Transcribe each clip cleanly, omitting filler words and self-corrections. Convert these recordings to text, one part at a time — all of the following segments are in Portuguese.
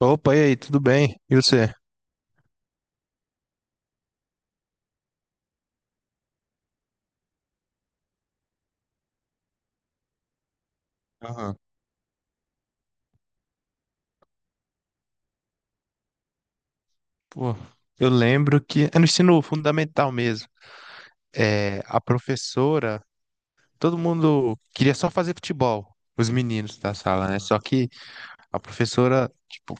Opa, e aí, tudo bem? E você? Aham. Pô, eu lembro que é no ensino fundamental mesmo. É, a professora, todo mundo queria só fazer futebol, os meninos da sala, né? Só que a professora, tipo,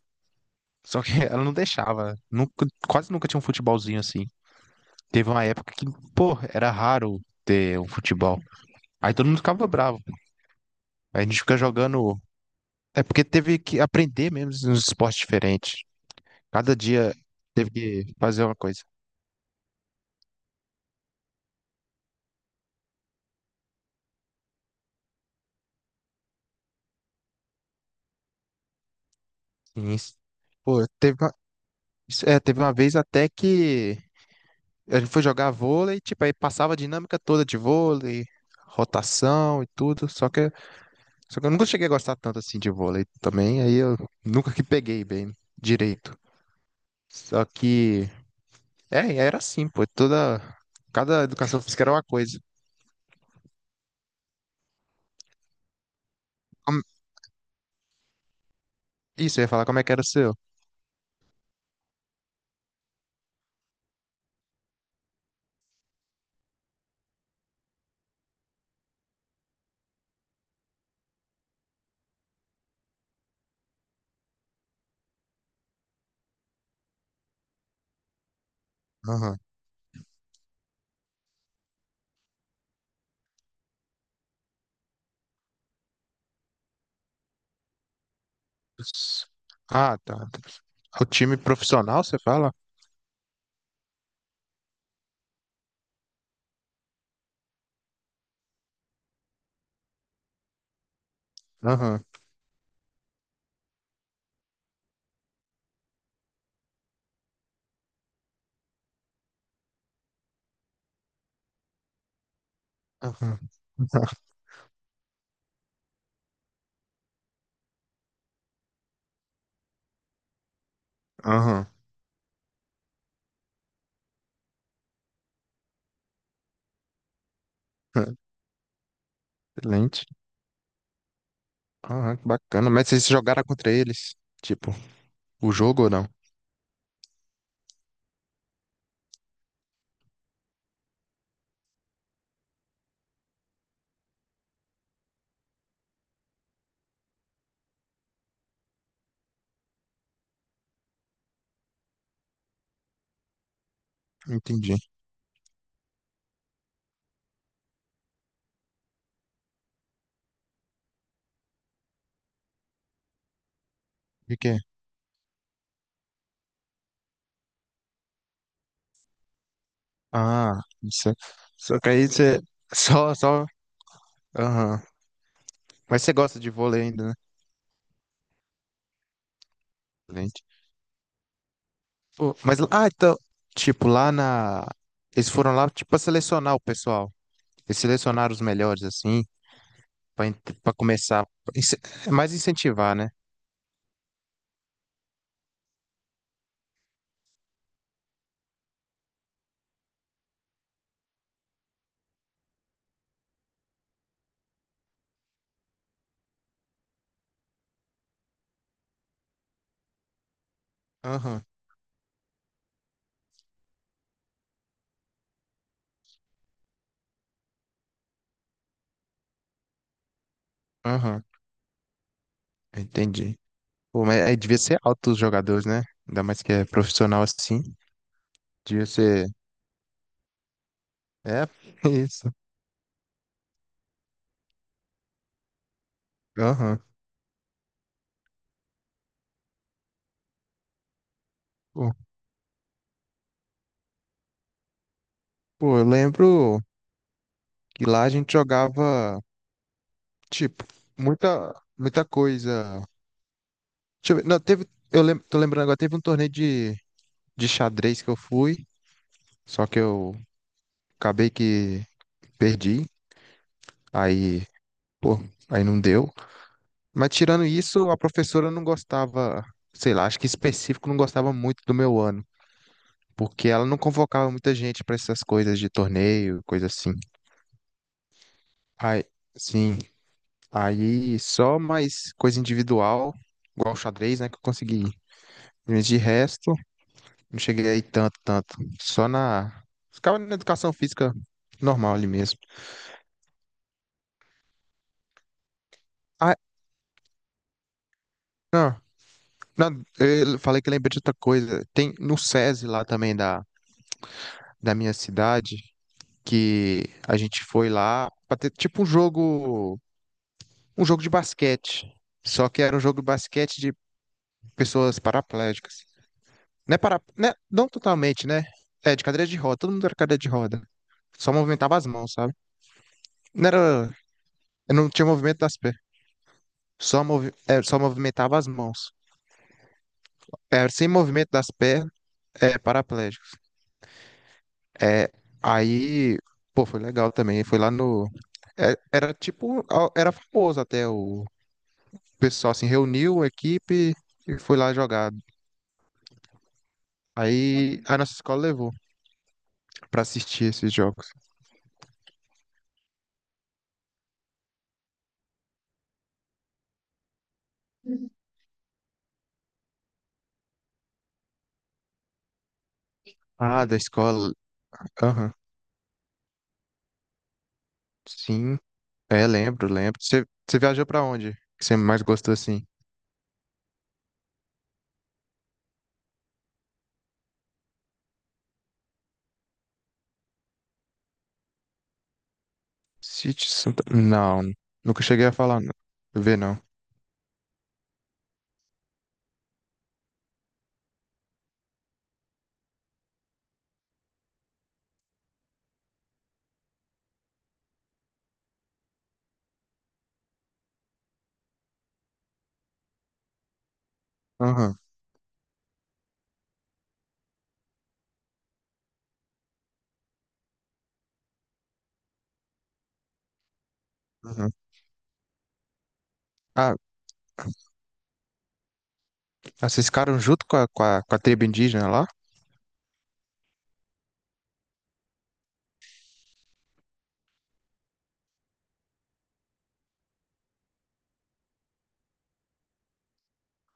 só que ela não deixava. Nunca, quase nunca tinha um futebolzinho assim. Teve uma época que, pô, era raro ter um futebol. Aí todo mundo ficava bravo. Aí a gente fica jogando. É porque teve que aprender mesmo nos esportes diferentes. Cada dia teve que fazer uma coisa. Sim. Pô, teve uma, é, teve uma vez até que a gente foi jogar vôlei, tipo, aí passava a dinâmica toda de vôlei, rotação e tudo, só que eu nunca cheguei a gostar tanto assim de vôlei também, aí eu nunca que peguei bem direito. Só que, é, era assim, pô, toda, cada educação física era uma coisa. Como- isso, eu ia falar como é que era o seu. Aham. Os- Ah, tá, tá. O time profissional, você fala? Aham. Aham. Aham. Excelente. Ah, que bacana. Mas vocês jogaram contra eles? Tipo, o jogo ou não? Entendi. De quê? Ah, isso, é. Só que aí você. Só, só. Aham. Mas você gosta de vôlei ainda, né? Excelente. Pô, mas, ah, então. Tipo, lá na. Eles foram lá, tipo, pra selecionar o pessoal. Eles selecionaram os melhores, assim, pra, en- pra começar. Ince- É mais incentivar, né? Aham, aham, entendi. Pô, mas aí devia ser alto os jogadores, né? Ainda mais que é profissional assim. Devia ser. É, isso. Aham. Pô, pô, eu lembro que lá a gente jogava, tipo, muita coisa. Deixa eu ver. Não, teve, tô lembrando agora, teve um torneio de xadrez que eu fui, só que eu acabei que perdi, aí, pô, aí não deu. Mas tirando isso, a professora não gostava, sei lá, acho que específico não gostava muito do meu ano, porque ela não convocava muita gente pra essas coisas de torneio, coisa assim. Aí, sim, aí só mais coisa individual, igual xadrez, né, que eu consegui ir. Mas de resto, não cheguei aí tanto, tanto. Só na. Ficava na educação física normal ali mesmo. Ah, não, não, eu falei que lembrei de outra coisa. Tem no SESI lá também da, da minha cidade, que a gente foi lá pra ter tipo um jogo de basquete. Só que era um jogo de basquete de pessoas paraplégicas. Não é para, né, não totalmente, né? É, de cadeira de roda, todo mundo era cadeira de roda. Só movimentava as mãos, sabe? Não era, não tinha movimento das pernas. Só, movi é, só movimentava as mãos. É, sem movimento das pernas, é paraplégico. É, aí, pô, foi legal também. Foi lá no. É, era tipo. Era famoso até o pessoal, assim, reuniu a equipe e foi lá jogar. Aí a nossa escola levou pra assistir esses jogos. Ah, da escola. Aham. Sim. É, lembro, lembro. Você viajou pra onde? Que você mais gostou assim? Sítio Santa. Não, nunca cheguei a falar, não. Ver, não. Aham, aham. Ah, Ah, vocês ficaram junto com a, com a, com a tribo indígena lá?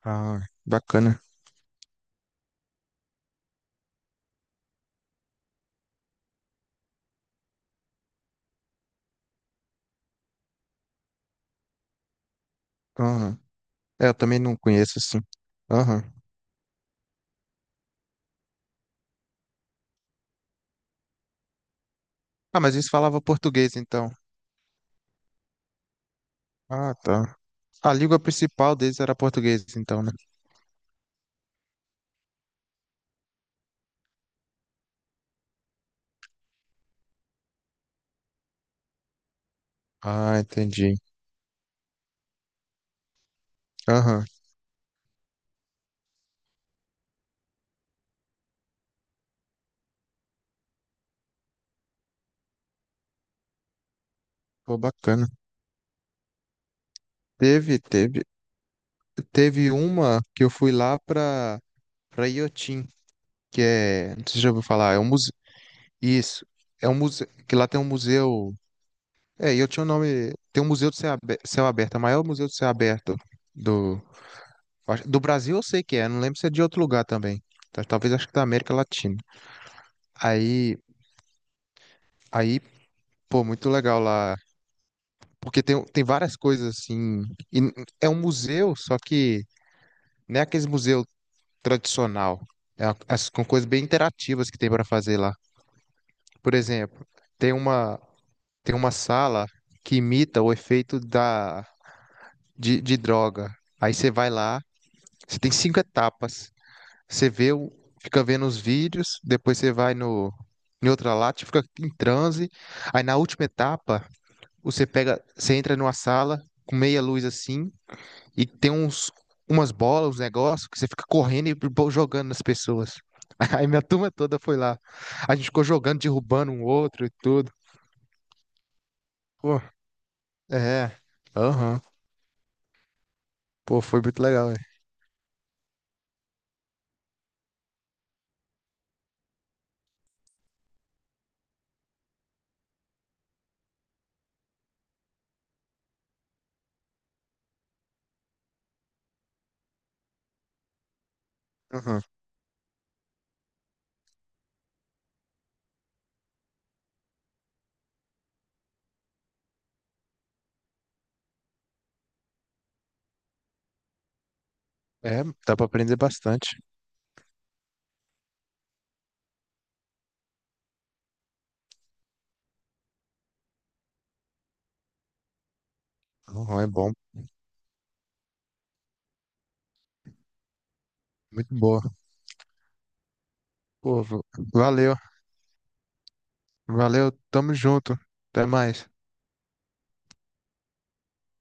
Ah, bacana. Aham. É, eu também não conheço assim. Aham. Ah, mas eles falavam português então. Ah, tá. A língua principal deles era português então, né? Ah, entendi. Aham. Pô, bacana. Teve, teve, teve uma que eu fui lá pra, pra Iotim, que é, não sei se você já ouviu falar, é um museu, isso, é um museu, que lá tem um museu, é, Iotim é o nome, tem um museu de céu aberto, é o maior museu de céu aberto do. Do Brasil eu sei que é, não lembro se é de outro lugar também. Talvez acho que da América Latina. Aí, aí, pô, muito legal lá. Porque tem, tem várias coisas assim. E n- É um museu, só que não é aquele museu tradicional. As, com coisas bem interativas que tem para fazer lá. Por exemplo, tem uma, tem uma sala que imita o efeito da, de droga. Aí você vai lá, você tem 5 etapas. Você vê, o- Fica vendo os vídeos, depois você vai no, em outra lata, fica em transe. Aí na última etapa, você pega, você entra numa sala com meia luz assim, e tem uns, umas bolas, uns negócios, que você fica correndo e jogando nas pessoas. Aí minha turma toda foi lá. A gente ficou jogando, derrubando um outro e tudo. Pô, é. Aham. Pô, foi muito legal, velho. Aham. É, dá pra aprender bastante. Aham, é bom. Muito boa. Pô, valeu. Valeu, tamo junto. Até mais.